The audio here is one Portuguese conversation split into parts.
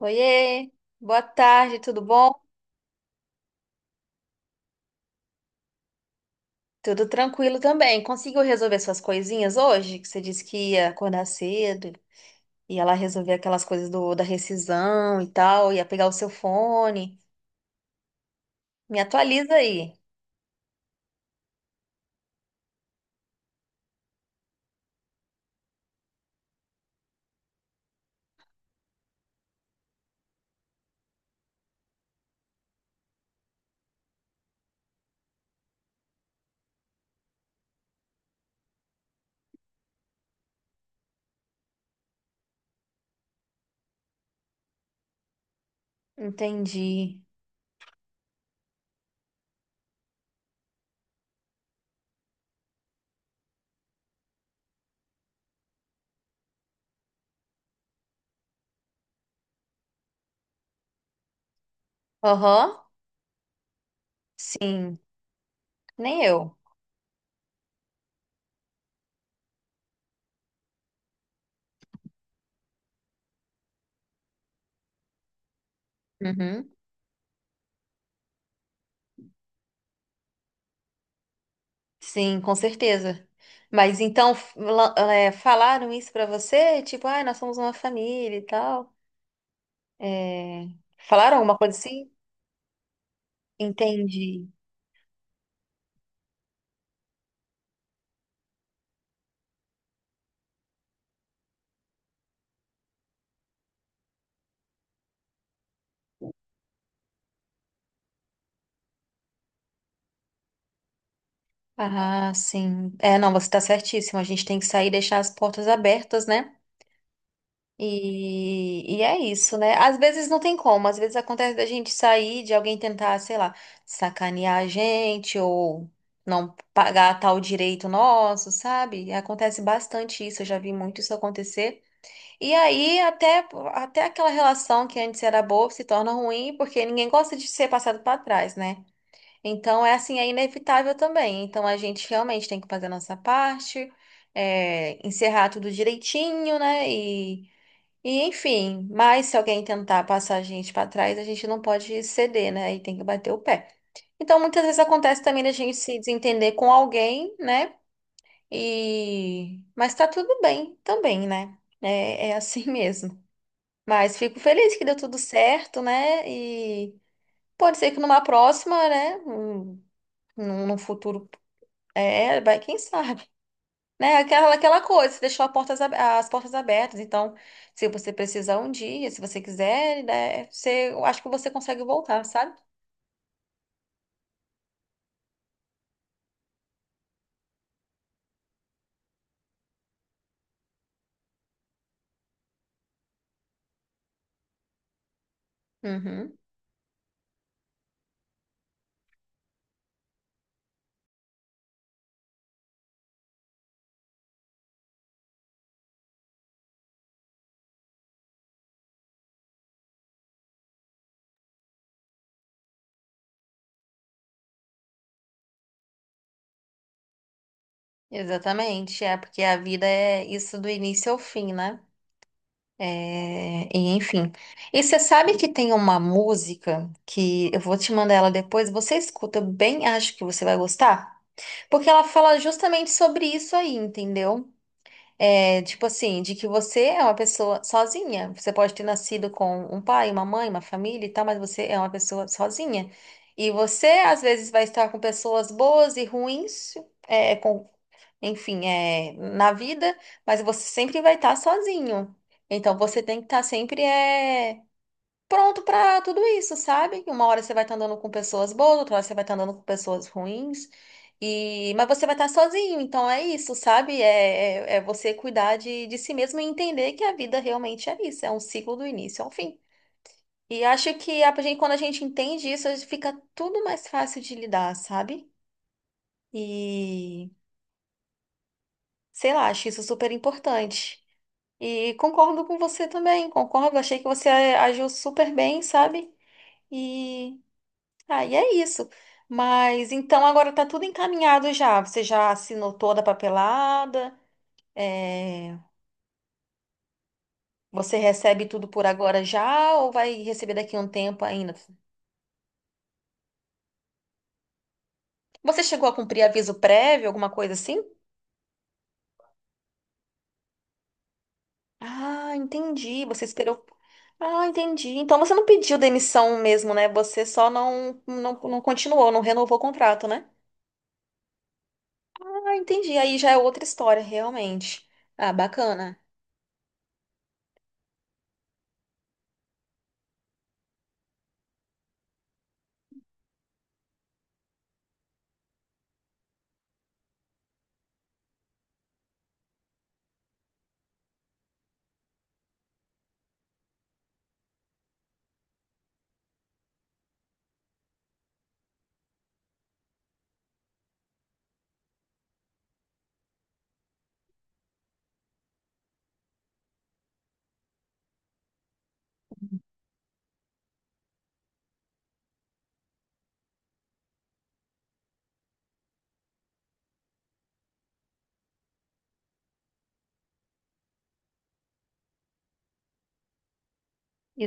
Oiê, boa tarde, tudo bom? Tudo tranquilo também. Conseguiu resolver suas coisinhas hoje? Que você disse que ia acordar cedo, ia lá resolver aquelas coisas da rescisão e tal, ia pegar o seu fone. Me atualiza aí. Entendi. Aham, sim, nem eu. Uhum. Sim, com certeza. Mas então, falaram isso pra você? Tipo, ah, nós somos uma família e tal. É, falaram alguma coisa assim? Entendi. Ah, sim. É, não, você tá certíssimo. A gente tem que sair e deixar as portas abertas, né? E é isso, né? Às vezes não tem como, às vezes acontece da gente sair, de alguém tentar, sei lá, sacanear a gente ou não pagar tal direito nosso, sabe? Acontece bastante isso, eu já vi muito isso acontecer. E aí até, até aquela relação que antes era boa se torna ruim porque ninguém gosta de ser passado para trás, né? Então, é assim, é inevitável também. Então, a gente realmente tem que fazer a nossa parte, é, encerrar tudo direitinho, né? E enfim, mas se alguém tentar passar a gente para trás, a gente não pode ceder, né? E tem que bater o pé. Então, muitas vezes acontece também da gente se desentender com alguém, né? E... mas tá tudo bem também, né? É, é assim mesmo. Mas fico feliz que deu tudo certo, né? E pode ser que numa próxima, né? Num futuro é, vai, quem sabe, né? Aquela, aquela coisa, você deixou a as portas abertas. Então, se você precisar um dia, se você quiser, né, você, eu acho que você consegue voltar, sabe? Uhum, exatamente, é porque a vida é isso do início ao fim, né? É, e enfim. E você sabe que tem uma música que eu vou te mandar ela depois, você escuta, eu bem acho que você vai gostar, porque ela fala justamente sobre isso aí, entendeu? É, tipo assim, de que você é uma pessoa sozinha. Você pode ter nascido com um pai, uma mãe, uma família e tal, mas você é uma pessoa sozinha. E você, às vezes, vai estar com pessoas boas e ruins, é, com, enfim, é, na vida, mas você sempre vai estar sozinho. Então, você tem que estar sempre é, pronto pra tudo isso, sabe? Uma hora você vai estar andando com pessoas boas, outra hora você vai estar andando com pessoas ruins. E mas você vai estar sozinho, então é isso, sabe? É, é, é você cuidar de si mesmo e entender que a vida realmente é isso, é um ciclo do início ao fim. E acho que a gente, quando a gente entende isso, a gente fica tudo mais fácil de lidar, sabe? E sei lá, acho isso super importante. E concordo com você também, concordo, achei que você agiu super bem, sabe? E ah, e é isso. Mas então agora tá tudo encaminhado já. Você já assinou toda a papelada? É, você recebe tudo por agora já ou vai receber daqui a um tempo ainda? Você chegou a cumprir aviso prévio, alguma coisa assim? Ah, entendi. Você esperou. Ah, entendi. Então você não pediu demissão mesmo, né? Você só não continuou, não renovou o contrato, né? Ah, entendi. Aí já é outra história, realmente. Ah, bacana.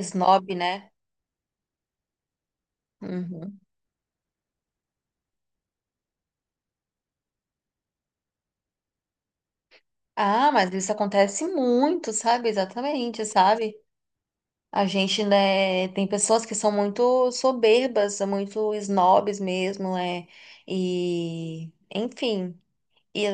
Snob, né? Uhum. Ah, mas isso acontece muito, sabe? Exatamente, sabe? A gente, né, tem pessoas que são muito soberbas, são muito snobs mesmo, né? E, enfim. E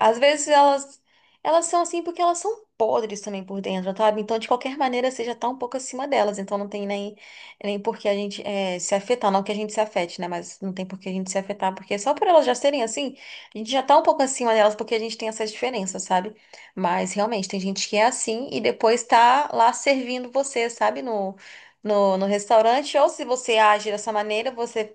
às vezes elas são assim porque elas são podres também por dentro, sabe? Então, de qualquer maneira, você já tá um pouco acima delas. Então, não tem nem, nem por que a gente se afetar. Não que a gente se afete, né? Mas não tem por que a gente se afetar. Porque só por elas já serem assim, a gente já tá um pouco acima delas porque a gente tem essas diferenças, sabe? Mas realmente, tem gente que é assim e depois tá lá servindo você, sabe? No, no restaurante. Ou se você age dessa maneira, você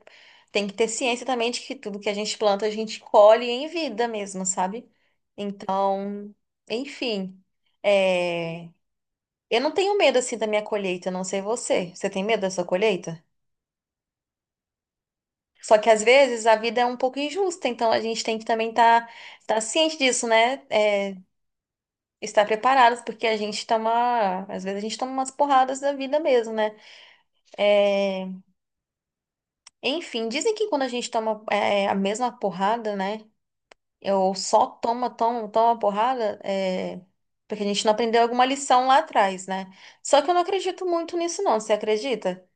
tem que ter ciência também de que tudo que a gente planta, a gente colhe em vida mesmo, sabe? Então, enfim. É, eu não tenho medo assim da minha colheita, não sei você. Você tem medo da sua colheita? Só que às vezes a vida é um pouco injusta, então a gente tem que também estar tá ciente disso, né? É, estar preparados, porque a gente toma. Às vezes a gente toma umas porradas da vida mesmo, né? É, enfim, dizem que quando a gente toma é, a mesma porrada, né? Eu só toma, toma, toma porrada, é, porque a gente não aprendeu alguma lição lá atrás, né? Só que eu não acredito muito nisso, não. Você acredita?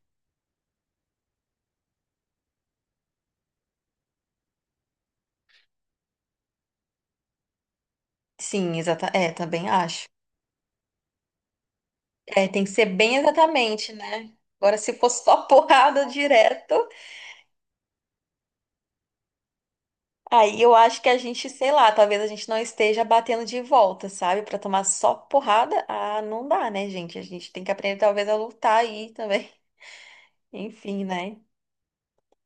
Sim, exata. É, também acho. É, tem que ser bem exatamente, né? Agora, se for só porrada direto, aí eu acho que a gente, sei lá, talvez a gente não esteja batendo de volta, sabe? Pra tomar só porrada, ah, não dá, né, gente? A gente tem que aprender talvez a lutar aí também. Enfim, né?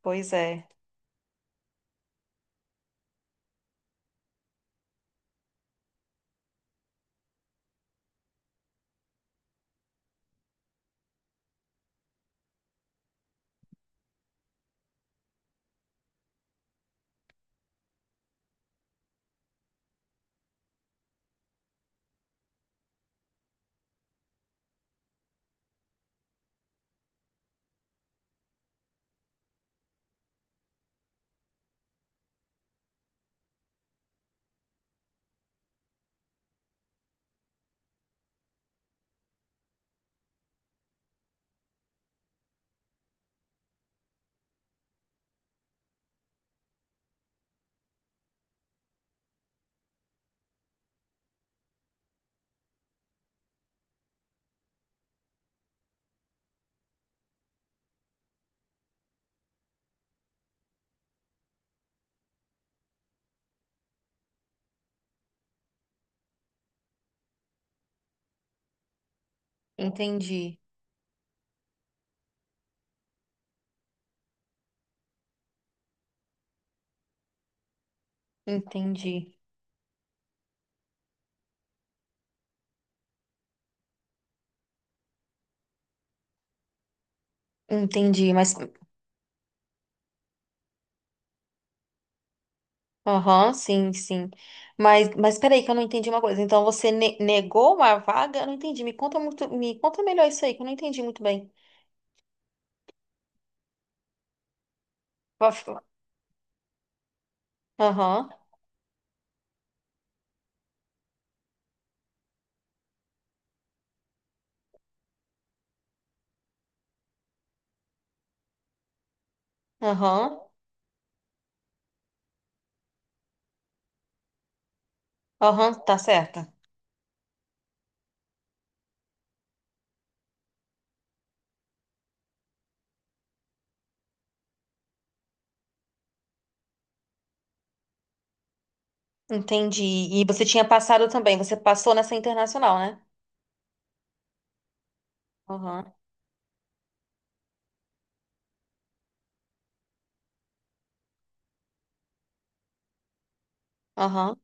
Pois é. Entendi, entendi. Entendi, mas aham, sim, sim. Mas peraí que eu não entendi uma coisa. Então você negou uma vaga? Eu não entendi. Me conta muito, me conta melhor isso aí, que eu não entendi muito bem. Vai falar. Aham, aham, aham, tá certa. Entendi. E você tinha passado também. Você passou nessa internacional, né? Aham, aham.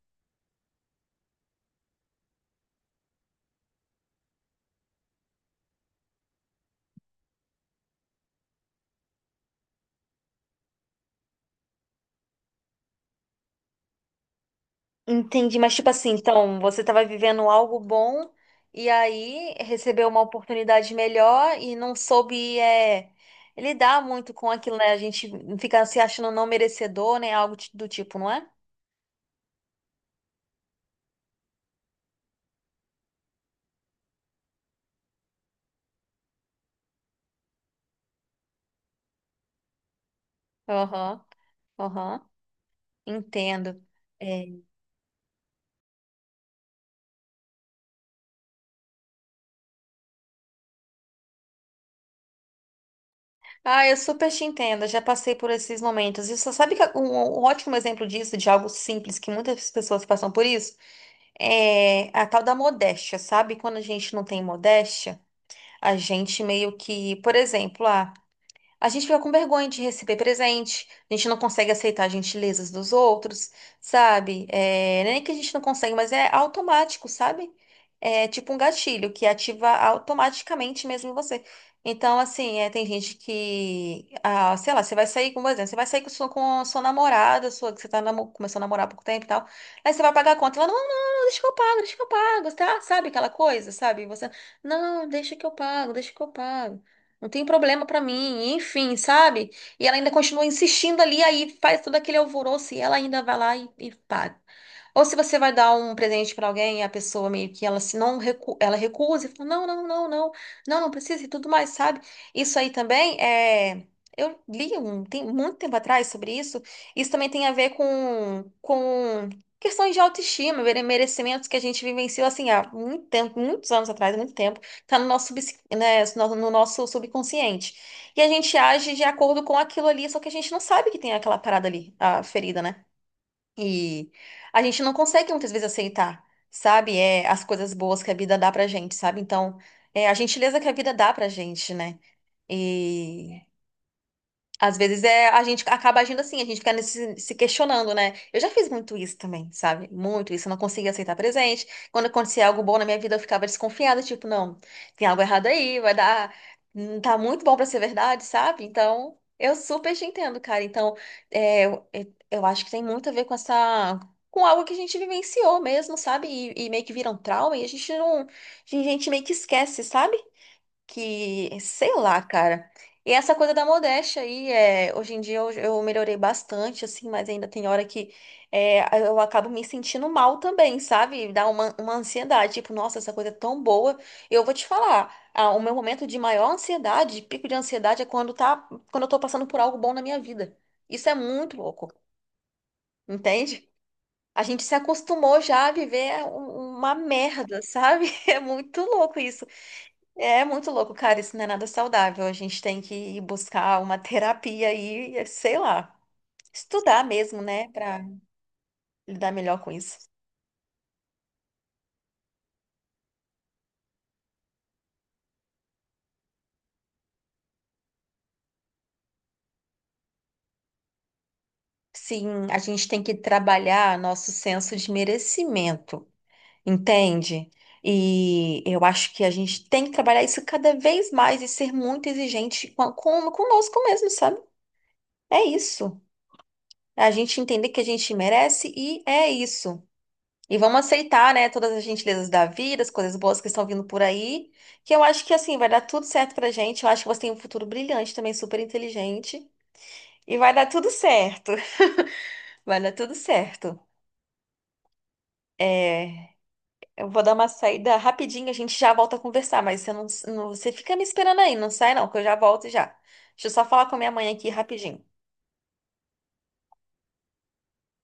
Entendi, mas tipo assim, então você estava vivendo algo bom e aí recebeu uma oportunidade melhor e não soube é, lidar muito com aquilo, né? A gente fica se achando não merecedor, né? Algo ti- do tipo, não é? Aham, aham, entendo. É. Ah, eu super te entendo, já passei por esses momentos. E você sabe que um ótimo exemplo disso, de algo simples, que muitas pessoas passam por isso, é a tal da modéstia, sabe? Quando a gente não tem modéstia. A gente meio que, por exemplo, ah, a gente fica com vergonha de receber presente, a gente não consegue aceitar gentilezas dos outros, sabe? É, nem que a gente não consegue, mas é automático, sabe? É tipo um gatilho que ativa automaticamente mesmo em você. Então, assim, é, tem gente que, ah, sei lá, você vai sair, com por exemplo, você vai sair com sua, com a sua namorada, sua, que você tá namo- começando a namorar há pouco tempo e tal, aí você vai pagar a conta, ela, não, deixa que eu pago, deixa que eu pago, tá? Sabe aquela coisa, sabe? Você, não, deixa que eu pago, deixa que eu pago não tem problema pra mim, enfim, sabe? E ela ainda continua insistindo ali, aí faz todo aquele alvoroço e ela ainda vai lá e paga. Ou se você vai dar um presente pra alguém e a pessoa meio que ela se não recu ela recusa e fala, não, não, não precisa e tudo mais, sabe? Isso aí também é. Eu li um, tem muito tempo atrás sobre isso. Isso também tem a ver com questões de autoestima, mere- merecimentos que a gente vivenciou assim há muito tempo, muitos anos atrás, muito tempo. Tá no nosso, subs- né, no nosso subconsciente. E a gente age de acordo com aquilo ali, só que a gente não sabe que tem aquela parada ali, a ferida, né? E a gente não consegue muitas vezes aceitar, sabe? É, as coisas boas que a vida dá pra gente, sabe? Então, é a gentileza que a vida dá pra gente, né? E às vezes é, a gente acaba agindo assim, a gente fica nesse- se questionando, né? Eu já fiz muito isso também, sabe? Muito isso, eu não conseguia aceitar presente. Quando acontecia algo bom na minha vida, eu ficava desconfiada, tipo, não, tem algo errado aí, vai dar, não tá muito bom pra ser verdade, sabe? Então, eu super te entendo, cara. Então, é, eu acho que tem muito a ver com essa, com algo que a gente vivenciou mesmo, sabe? E meio que vira um trauma e a gente não, a gente meio que esquece, sabe? Que, sei lá, cara. E essa coisa da modéstia aí, é, hoje em dia eu melhorei bastante, assim, mas ainda tem hora que é, eu acabo me sentindo mal também, sabe? Dá uma ansiedade, tipo, nossa, essa coisa é tão boa. Eu vou te falar, ah, o meu momento de maior ansiedade, pico de ansiedade, é quando eu tô passando por algo bom na minha vida. Isso é muito louco, entende? A gente se acostumou já a viver um- uma merda, sabe? É muito louco isso. É muito louco, cara. Isso não é nada saudável. A gente tem que ir buscar uma terapia e, sei lá, estudar mesmo, né, pra lidar melhor com isso. Sim, a gente tem que trabalhar nosso senso de merecimento, entende? E eu acho que a gente tem que trabalhar isso cada vez mais e ser muito exigente com- conosco mesmo, sabe? É isso. A gente entender que a gente merece e é isso. E vamos aceitar, né, todas as gentilezas da vida, as coisas boas que estão vindo por aí, que eu acho que assim vai dar tudo certo pra gente. Eu acho que você tem um futuro brilhante também, super inteligente, e vai dar tudo certo. Vai dar tudo certo. É, eu vou dar uma saída rapidinho, a gente já volta a conversar, mas você não, você fica me esperando aí, não sai não, que eu já volto já. Deixa eu só falar com a minha mãe aqui rapidinho.